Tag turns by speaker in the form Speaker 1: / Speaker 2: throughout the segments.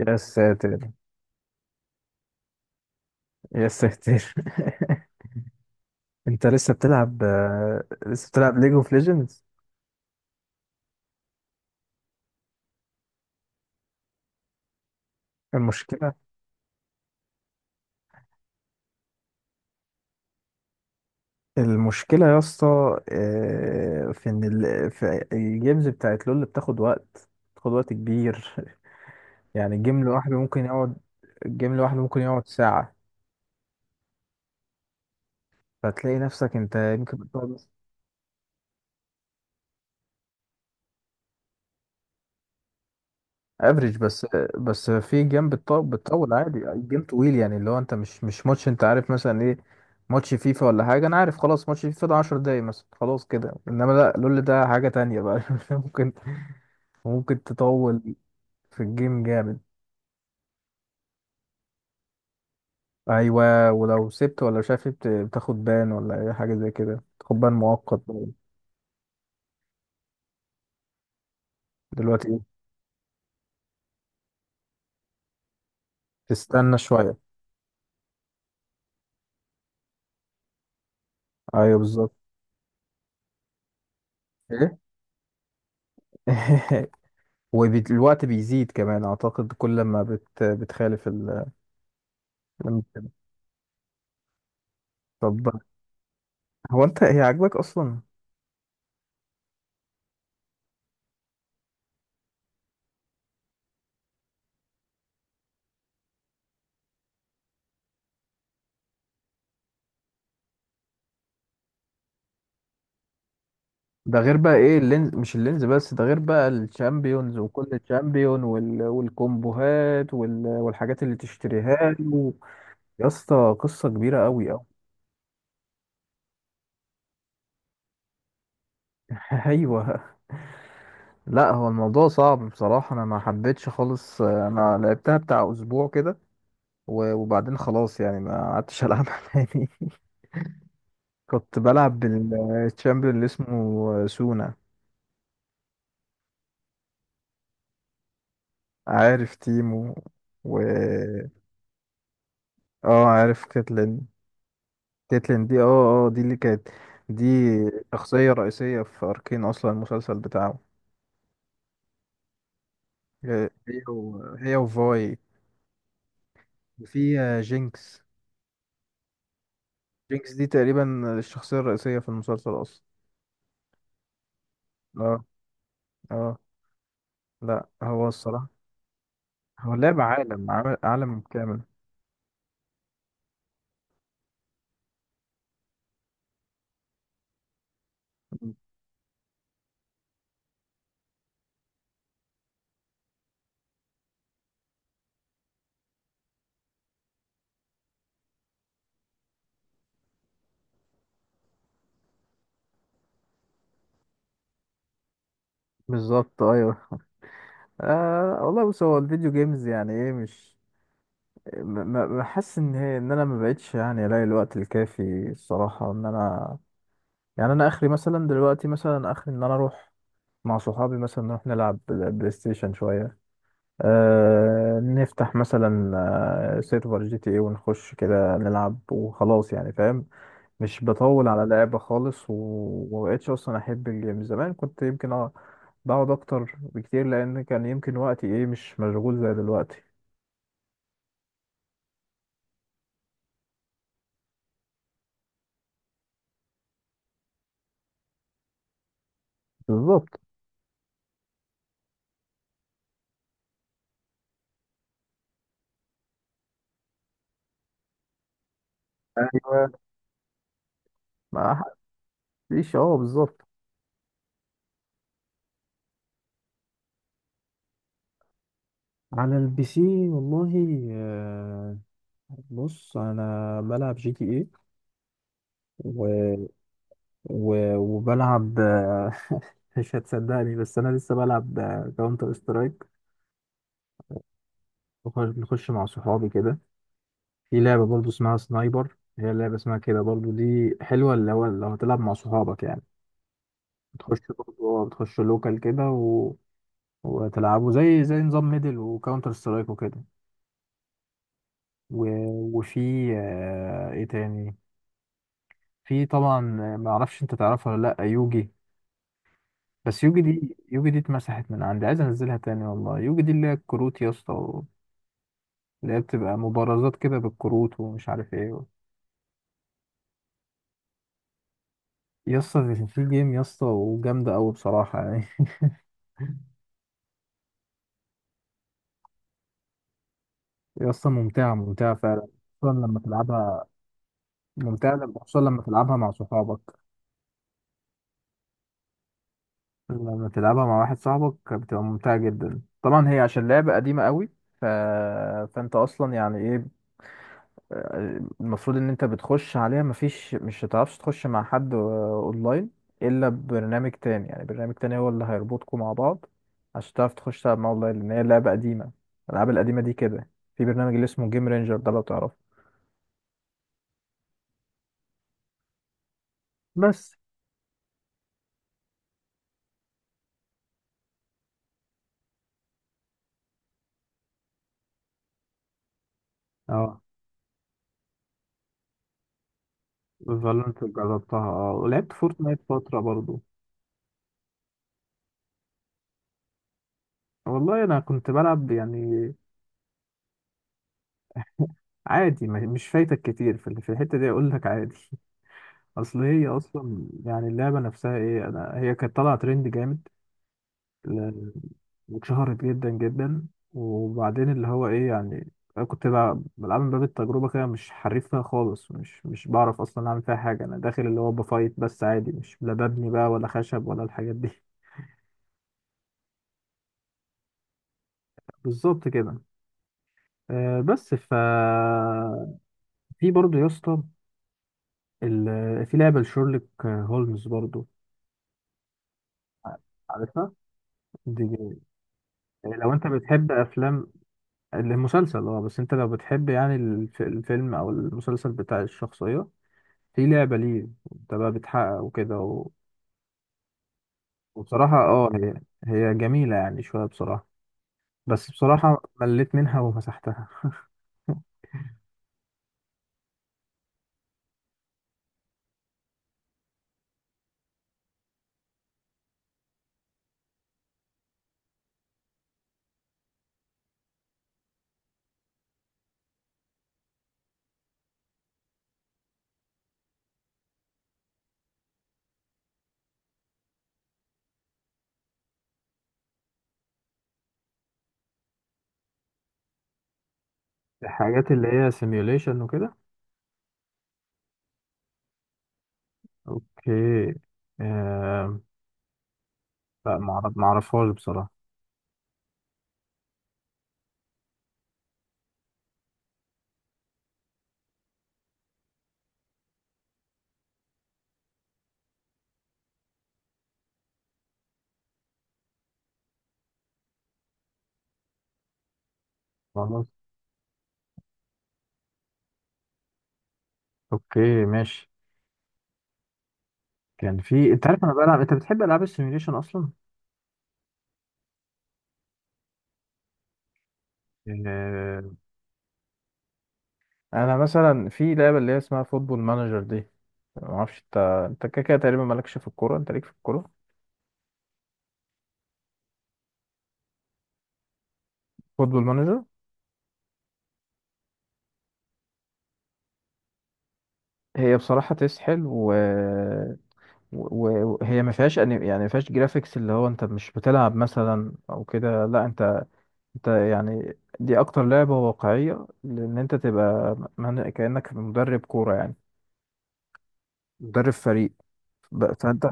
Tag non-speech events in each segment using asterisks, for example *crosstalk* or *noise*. Speaker 1: يا ساتر. يا ساتر. *laughs* انت لسه بتلعب آه، لسه بتلعب ليج اوف ليجندز؟ المشكله المشكله يا اسطى، في الجيمز بتاعت لول بتاخد وقت كبير. *laughs* يعني جيم لوحده ممكن يقعد الجيم لوحده ممكن يقعد ساعه. فتلاقي نفسك انت يمكن بتقعد افريج بس في جيم بتطول عادي. الجيم طويل، يعني اللي هو انت مش ماتش، انت عارف مثلا ايه؟ ماتش فيفا ولا حاجة، انا عارف، خلاص. ماتش فيفا ده 10 دقايق مثلا خلاص كده، انما لا، لول ده حاجة تانية بقى. *laughs* ممكن ممكن تطول في الجيم، جامد. ايوه، ولو سبت ولا مش عارف إيه بتاخد بان، ولا اي حاجة زي كده، تاخد بان مؤقت بقى. دلوقتي ايه، تستنى شوية؟ ايوه، بالظبط. ايه؟ *laughs* والوقت بيزيد كمان اعتقد كل ما بتخالف لما كده. طب، هو انت هي عاجباك اصلا؟ ده غير بقى ايه اللينز، مش اللينز بس، ده غير بقى الشامبيونز وكل تشامبيون والكومبوهات والحاجات اللي تشتريها له. يا اسطى، قصة كبيرة قوي قوي. *laughs* ايوه. لا، هو الموضوع صعب بصراحة. انا ما حبيتش خالص، انا لعبتها بتاع اسبوع كده وبعدين خلاص، يعني ما قعدتش العبها *laughs* تاني. كنت بلعب بالشامبيون اللي اسمه سونا. عارف تيمو، و اه عارف كاتلين. تيتلين دي، دي اللي كانت، دي شخصية رئيسية في أركين أصلا، المسلسل بتاعه. هي وفاي، وفي جينكس. جينكس دي تقريبا الشخصية الرئيسية في المسلسل أصلا. اه، اه. لا، هو الصراحة هو لعب عالم، عمل عالم كامل. بالظبط، ايوه. والله، بص، هو الفيديو جيمز يعني ايه، مش... بحس ان انا ما بقتش يعني الاقي الوقت الكافي الصراحه، ان انا يعني انا اخري مثلا دلوقتي، مثلا اخري ان انا اروح مع صحابي مثلا، نروح نلعب بلاي ستيشن شوية. أه، نفتح مثلا سيرفر جي تي ايه، ونخش كده نلعب وخلاص، يعني فاهم؟ مش بطول على لعبة خالص ومبقتش أصلا أحب الجيم. زمان كنت يمكن بقعد أكتر بكتير، لأن كان يمكن وقتي ايه، مش مشغول زي دلوقتي. بالظبط، ايوه. ما حدش، بالظبط. على البي سي، والله بص، انا بلعب جي تي اي و... وبلعب، مش هتصدقني، بس انا لسه بلعب كاونتر سترايك. بنخش مع صحابي كده. في لعبه برضو اسمها سنايبر، هي لعبه اسمها كده برضو، دي حلوه، اللي هو لو هتلعب مع صحابك يعني، بتخش برضو، بتخش لوكال كده و... وتلعبوا زي نظام ميدل وكاونتر سترايك وكده. و... وفي ايه تاني في طبعا ما اعرفش انت تعرفها ولا لا يوجي. بس يوجي دي اتمسحت من عندي، عايز انزلها تاني والله. يوجي دي اللي هي الكروت يا اسطى، اللي هي بتبقى مبارزات كده بالكروت ومش عارف ايه. يا اسطى، في جيم يا اسطى، وجامدة أوي بصراحة يعني. *laughs* يا اسطى، ممتعة ممتعة فعلا. خصوصا لما تلعبها، خصوصا لما تلعبها مع صحابك. لما تلعبها مع واحد صاحبك بتبقى ممتعة جدا طبعا. هي عشان لعبة قديمة أوي ف... فأنت أصلا يعني ايه، المفروض ان انت بتخش عليها، مش هتعرفش تخش مع حد اونلاين، الا ببرنامج تاني. يعني برنامج تاني هو اللي هيربطكم مع بعض عشان تعرف تخش تلعب مع اونلاين، لان هي لعبة قديمة، الالعاب القديمة دي كده. في برنامج اللي اسمه جيم رينجر ده، لو تعرفه. بس اه. فالنت جربتها، ولعبت فورتنايت فترة برضو. والله انا كنت بلعب يعني عادي. مش فايتك كتير في في الحتة دي، اقول لك عادي. *laughs* اصل هي اصلا يعني اللعبة نفسها ايه، انا هي كانت طالعة ترند جامد، ل- واتشهرت جدا جدا. وبعدين اللي هو ايه يعني، انا كنت بلعب من باب التجربه كده، مش حريف فيها خالص، مش بعرف اصلا اعمل فيها حاجه. انا داخل اللي هو بفايت بس عادي، مش، لا ببني بقى ولا خشب ولا الحاجات دي. *laughs* بالظبط كده. بس في برضه يا اسطى ال- في لعبه لشيرلوك هولمز برضه، عارفها؟ دي جميلة. لو انت بتحب افلام المسلسل، اه بس انت لو بتحب يعني الفيلم او المسلسل بتاع الشخصيه، في لعبة ليه، انت بقى بتحقق وكده وبصراحة، هي جميلة يعني، شوية بصراحة. بس بصراحة مليت منها ومسحتها. *laughs* الحاجات اللي هي سيميوليشن وكده، اوكي. آه... لا، معرفهاش بصراحة. خلاص، اوكي، ماشي. كان في، انت عارف، انا بلعب، انت بتحب العاب السيميوليشن اصلا؟ آه... انا مثلا في لعبه اللي هي اسمها فوتبول مانجر دي، ما اعرفش انت. انت كده كده تقريبا مالكش في الكوره، انت ليك في الكوره؟ فوتبول مانجر. هي بصراحة تسحل وهي ما فيهاش، يعني ما فيهاش جرافيكس اللي هو انت مش بتلعب مثلا او كده، لا، انت يعني، دي اكتر لعبة واقعية، لان انت تبقى كأنك مدرب كورة يعني، مدرب فريق، فانت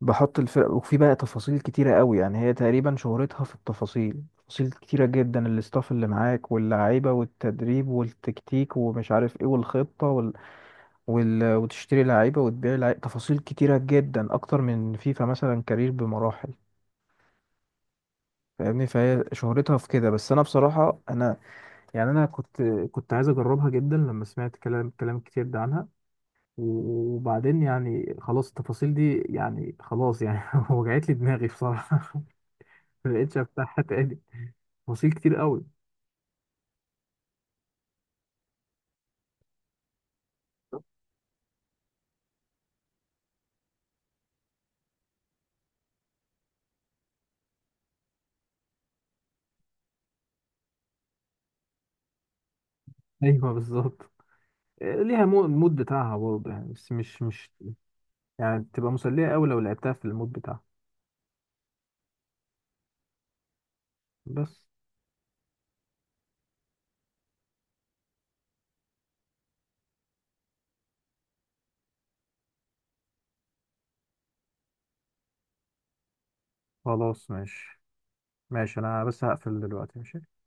Speaker 1: بحط الفرق، وفي بقى تفاصيل كتيرة قوي. يعني هي تقريبا شهرتها في التفاصيل، تفاصيل كتيرة جدا، الاستاف اللي معاك واللعيبة والتدريب والتكتيك ومش عارف ايه والخطة وتشتري لعيبة وتبيع لعيبة، تفاصيل كتيرة جدا، أكتر من فيفا مثلا كارير بمراحل، فاهمني؟ فهي شهرتها في كده. بس أنا بصراحة أنا يعني أنا، كنت عايز أجربها جدا لما سمعت كلام كتير ده عنها، وبعدين يعني خلاص، التفاصيل دي يعني خلاص يعني *laughs* وجعت لي دماغي بصراحة. *laughs* ما بقتش أفتحها تاني، تفاصيل كتير قوي. *laughs* أيوه، بالظبط. ليها المود بتاعها برضه يعني، بس مش يعني تبقى مسلية قوي لو لعبتها في المود بتاعها. بس خلاص، ماشي. ماشي، انا بس هقفل دلوقتي، ماشي.